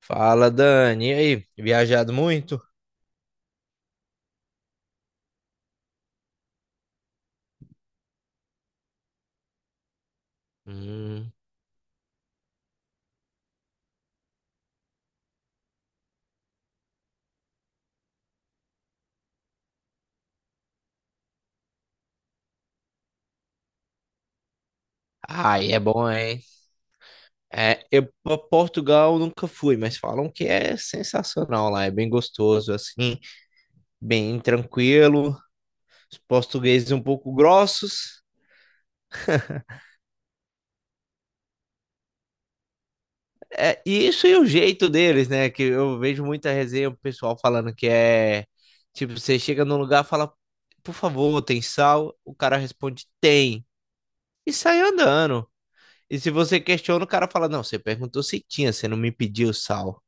Fala, Dani. E aí? Viajado muito? Hum. Ai, é bom, hein? É, eu pra Portugal nunca fui, mas falam que é sensacional lá, é bem gostoso, assim, bem tranquilo. Os portugueses um pouco grossos. É, e isso é o jeito deles, né? Que eu vejo muita resenha, o pessoal falando que é tipo, você chega num lugar, fala, por favor, tem sal? O cara responde, tem. E sai andando. E se você questiona, o cara fala: não, você perguntou se tinha, você não me pediu sal.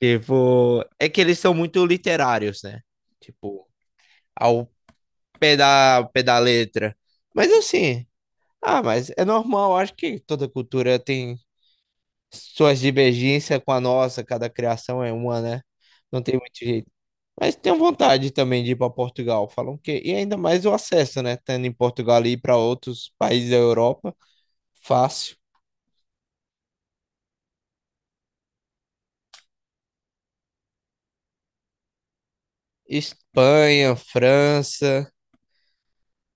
Tipo, é que eles são muito literários, né? Tipo, ao pé da letra. Mas assim, ah, mas é normal, acho que toda cultura tem suas divergências com a nossa, cada criação é uma, né? Não tem muito jeito. Mas tenho vontade também de ir para Portugal. Falam que. E ainda mais o acesso, né? Tendo em Portugal e ir para outros países da Europa, fácil. Espanha, França.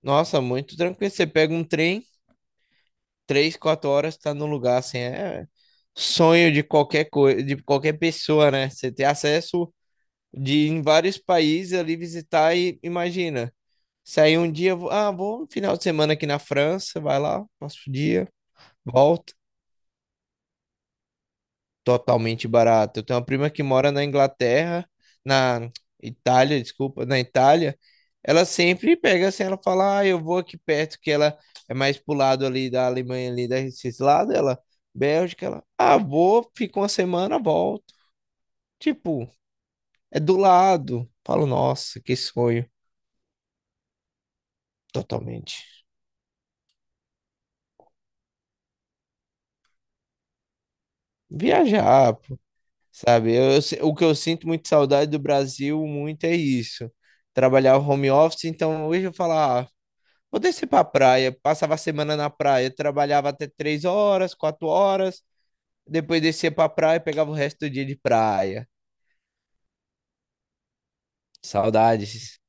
Nossa, muito tranquilo. Você pega um trem, 3, 4 horas, tá no lugar, assim, é sonho de qualquer coisa, de qualquer pessoa, né? Você ter acesso de ir em vários países ali visitar e imagina. Sair um dia, vou um final de semana aqui na França, vai lá, passo o dia, volta. Totalmente barato. Eu tenho uma prima que mora na Inglaterra, na Itália, desculpa, na Itália. Ela sempre pega assim, ela fala, ah, eu vou aqui perto, que ela é mais pro lado ali da Alemanha, ali desses lados, ela, Bélgica, ela, ah, vou, fico uma semana, volto. Tipo, é do lado. Falo, nossa, que sonho, totalmente. Viajar, pô, sabe? Eu se- o que eu sinto muito saudade do Brasil, muito é isso. Trabalhar home office, então hoje eu falo, ah, vou descer pra praia, passava a semana na praia, trabalhava até três horas, quatro horas, depois descia pra praia, e pegava o resto do dia de praia. Saudades.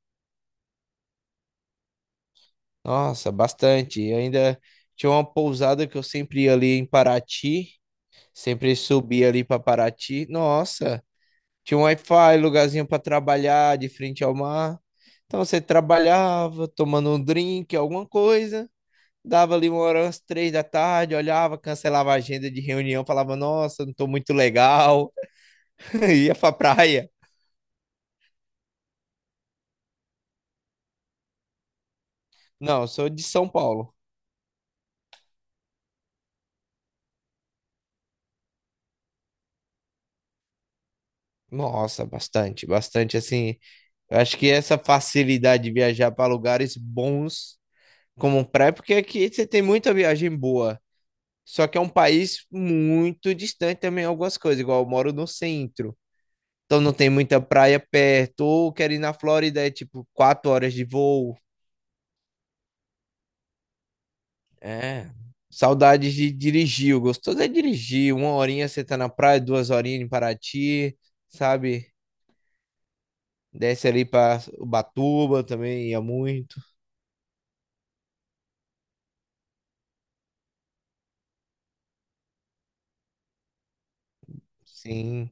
Nossa, bastante. Eu ainda tinha uma pousada que eu sempre ia ali em Paraty, sempre subia ali pra Paraty. Nossa, tinha um Wi-Fi, lugarzinho pra trabalhar de frente ao mar. Então você trabalhava, tomando um drink, alguma coisa. Dava ali uma hora, umas 3 da tarde, olhava, cancelava a agenda de reunião, falava, nossa, não tô muito legal, ia pra praia. Não, eu sou de São Paulo. Nossa, bastante, bastante, assim, eu acho que essa facilidade de viajar para lugares bons como praia, porque aqui você tem muita viagem boa, só que é um país muito distante também algumas coisas, igual eu moro no centro, então não tem muita praia perto, ou quero ir na Flórida, é tipo 4 horas de voo, é. Saudades de dirigir. O gostoso é dirigir. Uma horinha você tá na praia, duas horinhas em Paraty, sabe? Desce ali pra Ubatuba também, ia muito. Sim,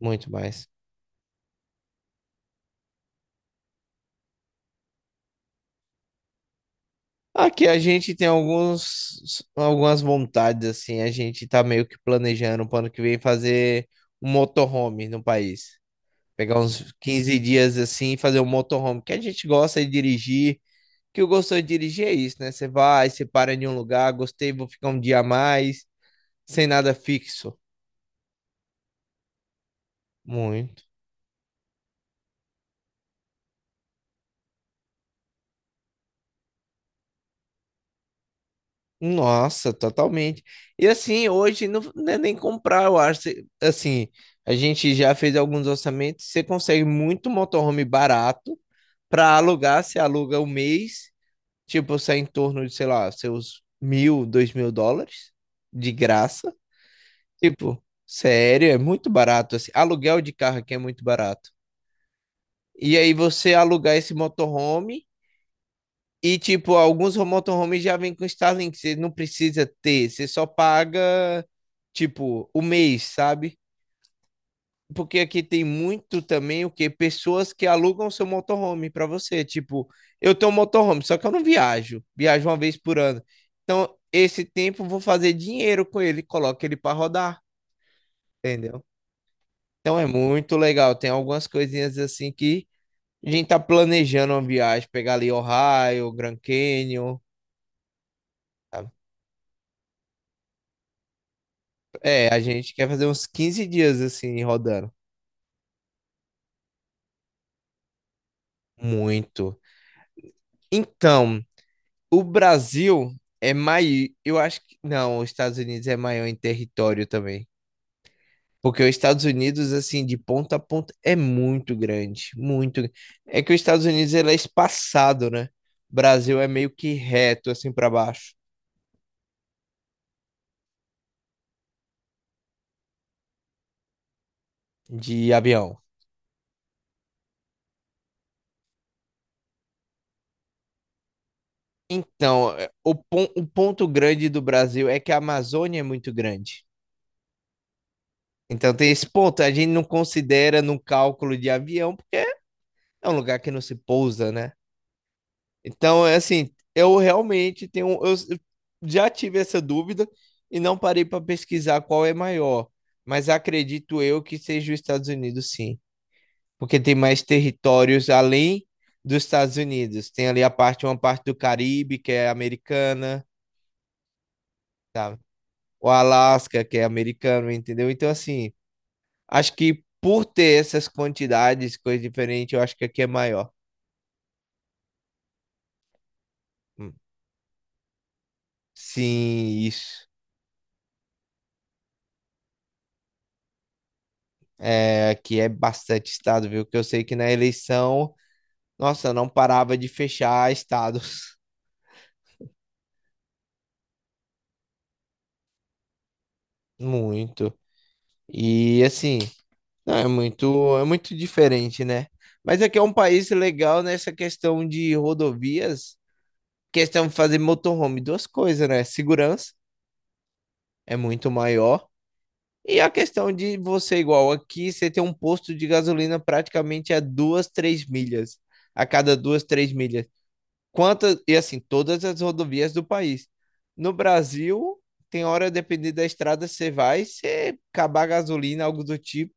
muito mais. Aqui a gente tem alguns, algumas vontades, assim. A gente tá meio que planejando pro ano que vem fazer um motorhome no país. Pegar uns 15 dias assim e fazer um motorhome, que a gente gosta de dirigir. Que eu gosto de dirigir é isso, né? Você vai, você para em um lugar, gostei, vou ficar um dia a mais, sem nada fixo. Muito. Nossa, totalmente. E assim, hoje não, não é nem comprar, eu acho. Assim, a gente já fez alguns orçamentos, você consegue muito motorhome barato para alugar, você aluga o mês, tipo, sai em torno de, sei lá, seus 1.000, 2.000 dólares de graça. Tipo, sério, é muito barato. Assim, aluguel de carro aqui é muito barato. E aí você alugar esse motorhome e tipo, alguns motorhomes já vêm com Starlink, você não precisa ter, você só paga tipo o mês, sabe? Porque aqui tem muito também o que pessoas que alugam seu motorhome para você, tipo, eu tenho um motorhome, só que eu não viajo, viajo uma vez por ano. Então, esse tempo eu vou fazer dinheiro com ele, coloco ele para rodar, entendeu? Então é muito legal, tem algumas coisinhas assim que a gente tá planejando uma viagem, pegar ali Ohio, Grand Canyon. Sabe? É, a gente quer fazer uns 15 dias assim, rodando. Muito. Então, o Brasil é maior. Eu acho que. Não, os Estados Unidos é maior em território também. Porque os Estados Unidos, assim, de ponta a ponta, é muito grande. Muito. É que os Estados Unidos ele é espaçado, né? O Brasil é meio que reto, assim, para baixo, de avião. Então, é, o ponto grande do Brasil é que a Amazônia é muito grande. Então tem esse ponto, a gente não considera no cálculo de avião, porque é um lugar que não se pousa, né? Então, é assim, eu realmente tenho, eu já tive essa dúvida e não parei para pesquisar qual é maior, mas acredito eu que seja os Estados Unidos, sim, porque tem mais territórios além dos Estados Unidos. Tem ali a parte, uma parte do Caribe, que é americana, tá? O Alaska, que é americano, entendeu? Então, assim, acho que por ter essas quantidades, coisas diferentes, eu acho que aqui é maior. Hum. Sim, isso. É, aqui é bastante estado, viu? Que eu sei que na eleição, nossa, não parava de fechar estados. Muito. E assim, não, é muito diferente, né? Mas aqui é um país legal nessa questão de rodovias, questão de fazer motorhome, duas coisas, né? Segurança é muito maior. E a questão de você, igual aqui, você tem um posto de gasolina praticamente a 2, 3 milhas. A cada 2, 3 milhas. Quantas, e assim, todas as rodovias do país. No Brasil, tem hora, dependendo da estrada, você vai, você acabar a gasolina, algo do tipo,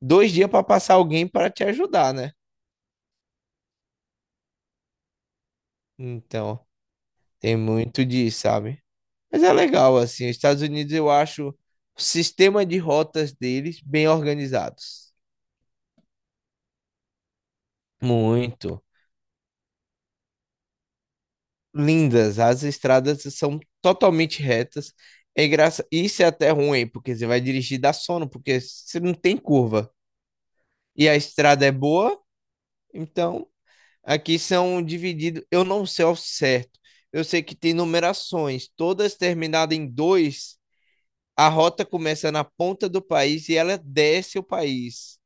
2 dias para passar alguém para te ajudar, né? Então, tem muito disso, sabe? Mas é legal, assim, os Estados Unidos, eu acho o sistema de rotas deles bem organizados. Muito. Lindas, as estradas são totalmente retas. É graça. Isso é até ruim, porque você vai dirigir dá sono, porque você não tem curva. E a estrada é boa, então aqui são divididos. Eu não sei ao certo. Eu sei que tem numerações, todas terminadas em dois. A rota começa na ponta do país e ela desce o país.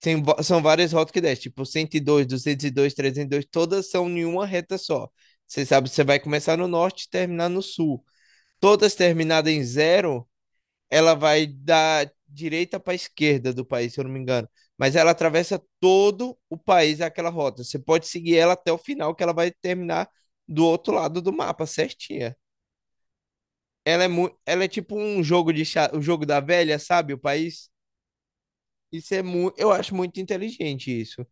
Tem são várias rotas que desce, tipo cento e dois, duzentos e dois, 302, todas são em uma reta só. Você sabe, você vai começar no norte e terminar no sul. Todas terminadas em zero, ela vai da direita para a esquerda do país, se eu não me engano. Mas ela atravessa todo o país, aquela rota. Você pode seguir ela até o final, que ela vai terminar do outro lado do mapa, certinha. Ela é tipo um jogo de xadrez, o jogo da velha, sabe? O país. Isso é muito. Eu acho muito inteligente isso.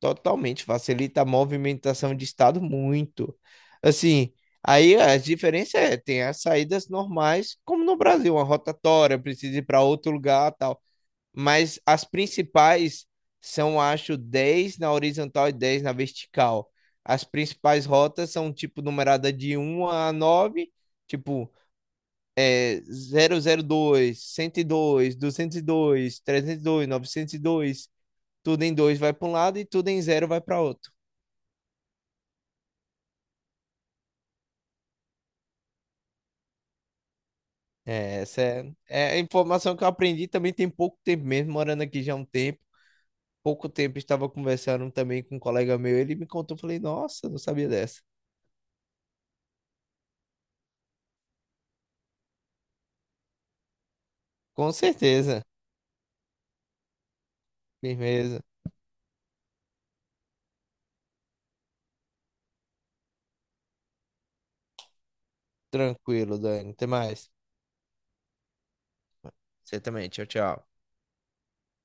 Totalmente, facilita a movimentação de estado muito. Assim, aí as diferenças é, tem as saídas normais, como no Brasil, uma rotatória, precisa ir para outro lugar, tal. Mas as principais são, acho, 10 na horizontal e 10 na vertical. As principais rotas são, tipo, numerada de 1 a 9, tipo, é, 002, 102, 202, trezentos e dois, 902. Tudo em 2 vai para um lado e tudo em zero vai para outro. É, essa é a informação que eu aprendi também tem pouco tempo mesmo, morando aqui já há um tempo. Pouco tempo estava conversando também com um colega meu, ele me contou, falei, nossa, não sabia dessa. Com certeza, firmeza, tranquilo, Dani, até mais. Você também, tchau, tchau.